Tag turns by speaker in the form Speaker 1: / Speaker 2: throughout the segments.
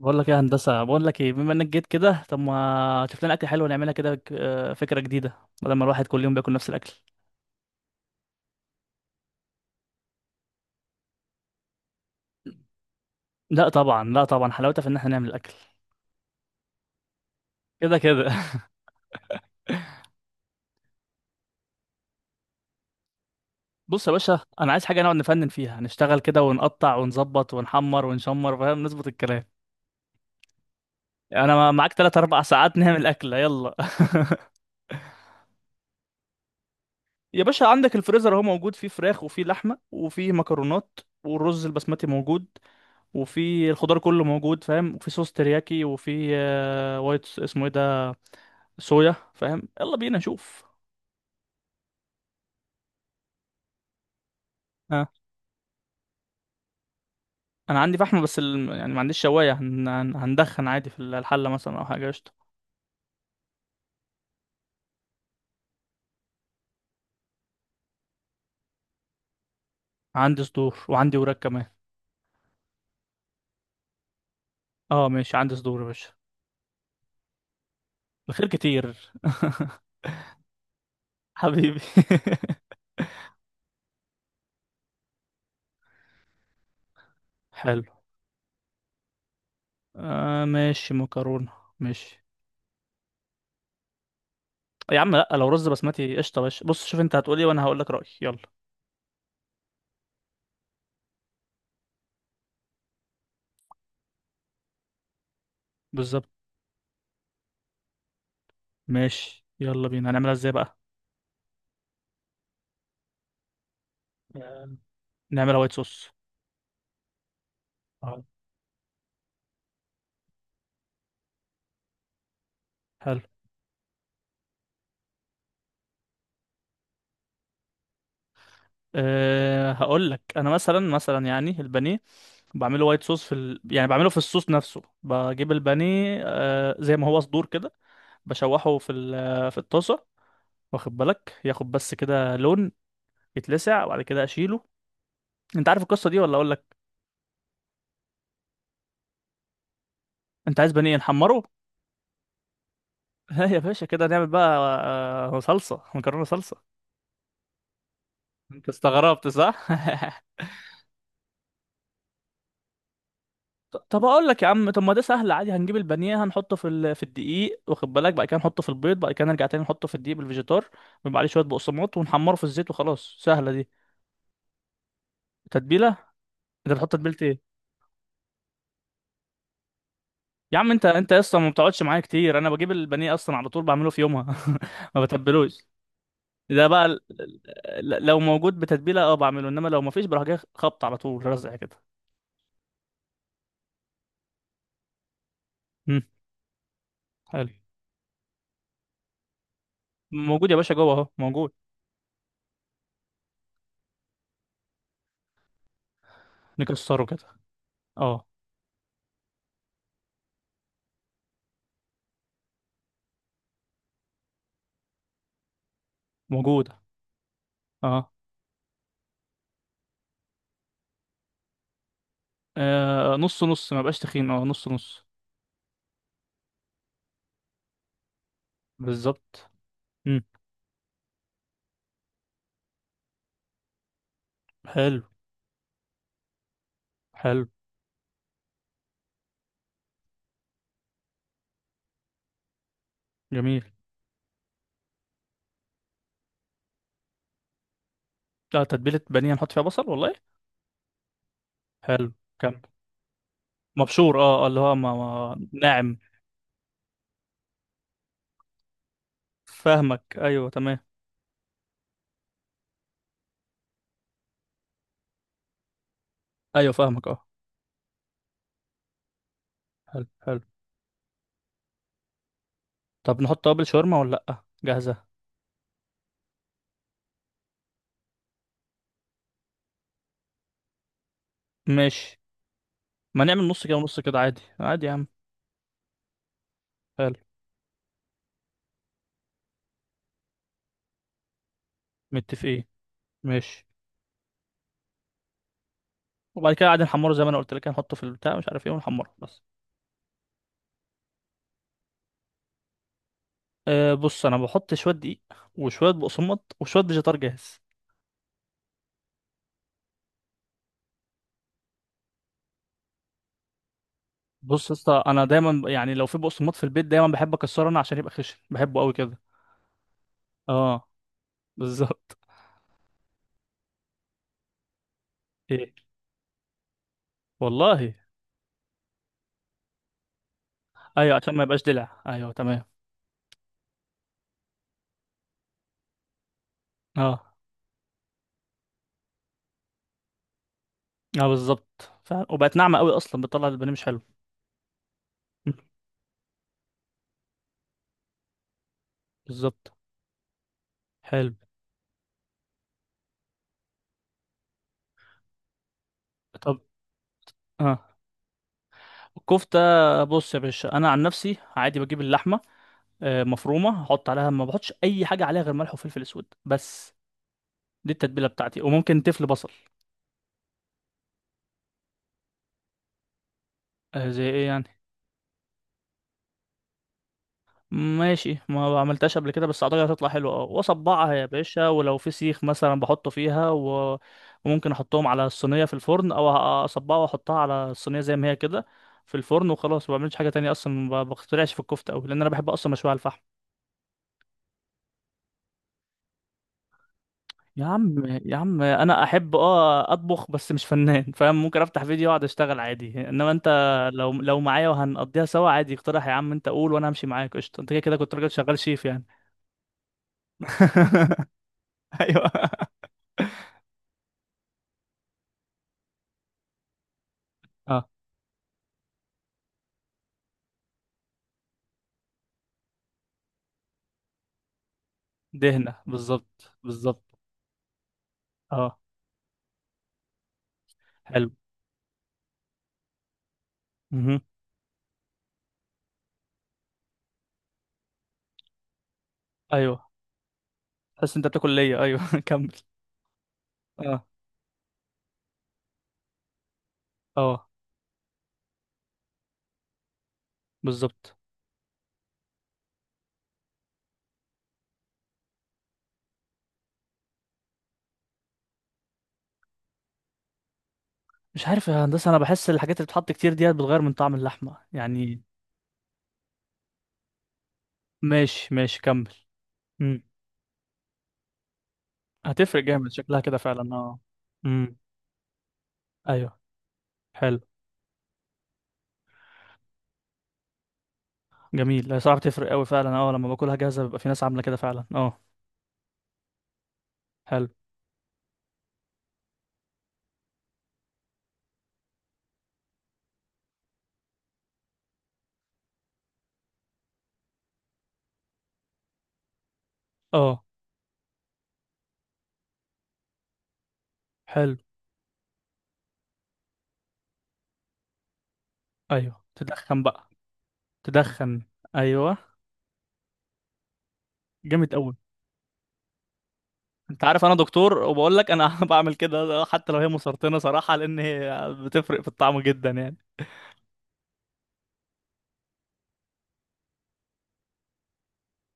Speaker 1: بقول لك ايه يا هندسه؟ بقول لك ايه، بما انك جيت كده طب ما تشوف لنا اكل حلو نعملها كده، فكره جديده. بدل ما الواحد كل يوم بياكل نفس الاكل. لا طبعا، لا طبعا، حلاوتها في ان احنا نعمل الاكل كده كده. بص يا باشا، انا عايز حاجه نقعد نفنن فيها، نشتغل كده ونقطع ونظبط ونحمر ونشمر، فاهم؟ نظبط الكلام. انا معاك 3 4 ساعات. نعمل اكله، يلا. يا باشا، عندك الفريزر اهو، موجود فيه فراخ وفيه لحمه وفيه مكرونات، والرز البسمتي موجود. وفي الخضار كله موجود، فاهم، وفي صوص ترياكي وفي وايت، اسمه ايه ده؟ صويا، فاهم؟ يلا بينا نشوف. اه، انا عندي فحم بس يعني ما عنديش شوايه، هندخن عادي في الحله مثلا او حاجه، قشطه. عندي صدور وعندي وراك كمان. اه ماشي، عندي صدور يا باشا. الخير كتير. حبيبي. حلو. آه ماشي، مكرونه، ماشي. يا عم، لا، لو رز بسمتي قشطه باشا. بص، شوف انت هتقولي وانا هقول لك رايي، يلا. بالظبط. ماشي، يلا بينا، هنعملها ازاي بقى؟ آه، نعملها وايت صوص. آه. حلو. أه، هقول لك انا، مثلا يعني البانيه بعمله وايت صوص، يعني بعمله في الصوص نفسه، بجيب البانيه زي ما هو صدور كده، بشوحه في الطاسه. واخد بالك، ياخد بس كده لون، يتلسع وبعد كده اشيله. انت عارف القصه دي ولا اقول لك؟ انت عايز بانيه نحمره؟ لا يا باشا، كده نعمل بقى صلصه مكرونه صلصه. انت استغربت، صح؟ طب اقول لك يا عم، طب ما ده سهل عادي. هنجيب البانيه، هنحطه في الدقيق، واخد بالك، بعد كده نحطه في البيض، بعد كده نرجع تاني نحطه في الدقيق بالفيجيتار، ويبقى عليه شويه بقسماط ونحمره في الزيت وخلاص، سهله دي. تتبيله؟ انت بتحط تتبيله ايه؟ يا عم، انت اصلا ما بتقعدش معايا كتير، انا بجيب البانيه اصلا على طول بعمله في يومها. ما بتبلوش. ده بقى لو موجود بتتبيله اه بعمله، انما لو ما فيش بروح جاي خبط على طول رزع كده. امم حلو. موجود يا باشا، جوه اهو موجود. نكسره كده، اه. موجود، اه. نص نص ما بقاش تخين، اه، نص نص. بالظبط. امم حلو، حلو، جميل. لا، تتبيلة بانيه نحط فيها بصل؟ والله. حلو، كمل. مبشور، اه، اللي هو ما ناعم. فاهمك، ايوه تمام. ايوه فاهمك، اه. حلو، حلو. طب نحط توابل شاورما ولا لأ جاهزة؟ ماشي، ما نعمل نص كده ونص كده عادي، عادي يا عم. حلو، متفقين، ماشي. وبعد كده قاعد نحمره زي ما انا قلت لك، هنحطه في البتاع، مش عارف ايه، ونحمره بس. أه بص، انا بحط شوية دقيق وشوية بقسماط وشوية فيجيتار جاهز. بص يا اسطى، انا دايما يعني لو في بقسماط في البيت دايما بحب اكسره انا عشان يبقى خشن، بحبه قوي كده. اه، بالظبط، ايه والله. ايوه عشان ما يبقاش دلع، ايوه تمام. اه، اه، بالظبط فعلا، وبقت ناعمه قوي اصلا، بتطلع البانيه مش حلو. م. بالظبط، حلو. طب، اه، الكفته. بص يا باشا، انا عن نفسي عادي بجيب اللحمه مفرومه، احط عليها، ما بحطش اي حاجه عليها غير ملح وفلفل اسود بس. دي التتبيله بتاعتي، وممكن تفل بصل. زي ايه يعني؟ ماشي، ما عملتهاش قبل كده بس اعتقد هتطلع حلوه، اه، واصبعها يا باشا، ولو في سيخ مثلا بحطه فيها وممكن احطهم على الصينيه في الفرن، او اصبعها واحطها على الصينيه زي ما هي كده في الفرن وخلاص. ما بعملش حاجه تانية، اصلا ما بخترعش في الكفته قوي، لان انا بحب اصلا مشوي على الفحم. يا عم، يا عم، انا احب اطبخ بس مش فنان. فاهم، ممكن افتح فيديو واقعد اشتغل عادي، انما انت، لو معايا وهنقضيها سوا عادي، اقترح يا عم، انت قول وانا همشي معاك، قشطه، انت كده كده كنت راجل شغال شيف يعني. ايوه. دهنة، بالظبط، بالظبط، اه، حلو، مهم. ايوه، تحس انت بتاكل ليا، ايوه. كمل. اه، اه، بالظبط. مش عارف يا هندسة، انا بحس الحاجات اللي بتتحط كتير ديت بتغير من طعم اللحمة يعني. ماشي ماشي، كمل. امم هتفرق جامد شكلها كده فعلا، اه. امم ايوه، حلو، جميل، هي صراحة بتفرق قوي فعلا، اه. لما باكلها جاهزة بيبقى في ناس عاملة كده فعلا، اه. حلو، اه، حلو، ايوه تدخن بقى، تدخن، ايوه، جامد قوي. انت عارف انا دكتور وبقول لك انا، بعمل كده حتى لو هي مسرطنه صراحه، لان هي بتفرق في الطعم جدا يعني.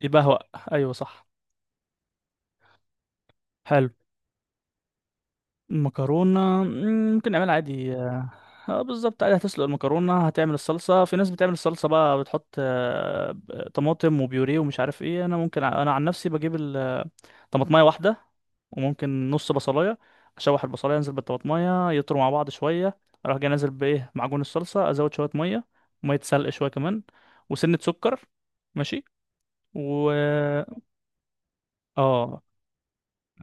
Speaker 1: يبهوأ، ايوه صح، حلو. مكرونة، ممكن نعملها عادي، اه. بالظبط عادي، هتسلق المكرونة، هتعمل الصلصة. في ناس بتعمل الصلصة بقى بتحط طماطم وبيوريه ومش عارف ايه. انا انا عن نفسي بجيب طماطماية واحدة، وممكن نص بصلاية. اشوح البصلاية، انزل بالطماطماية، يطروا مع بعض شوية. اروح جاي نازل بايه، معجون الصلصة، ازود شوية مية، مية سلق شوية كمان، وسنة سكر. ماشي. و اه،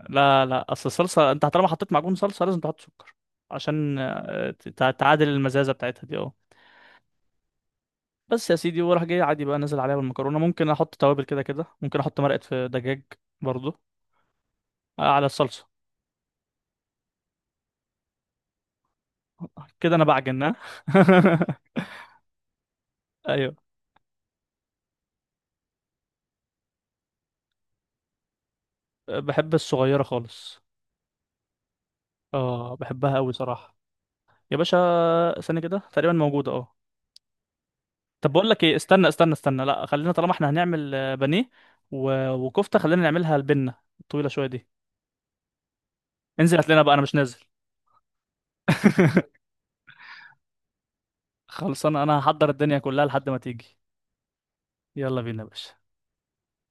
Speaker 1: لا، لا، اصل الصلصه انت طالما حطيت معجون صلصه لازم تحط سكر، عشان تعادل المزازه بتاعتها دي، اه. بس يا سيدي، وراح جاي عادي بقى، نازل عليها بالمكرونه، ممكن احط توابل كده كده، ممكن احط مرقه في دجاج برضو. على الصلصه، كده انا بعجنها. ايوه. بحب الصغيره خالص. اه، بحبها قوي صراحه. يا باشا، ثانيه كده تقريبا موجوده، اه. طب بقول لك ايه، استنى استنى استنى، لا خلينا، طالما احنا هنعمل بانيه وكفته، خلينا نعملها البنه الطويله شويه دي. انزل هات لنا بقى، انا مش نازل. خلصان، انا هحضر الدنيا كلها لحد ما تيجي. يلا بينا يا باشا.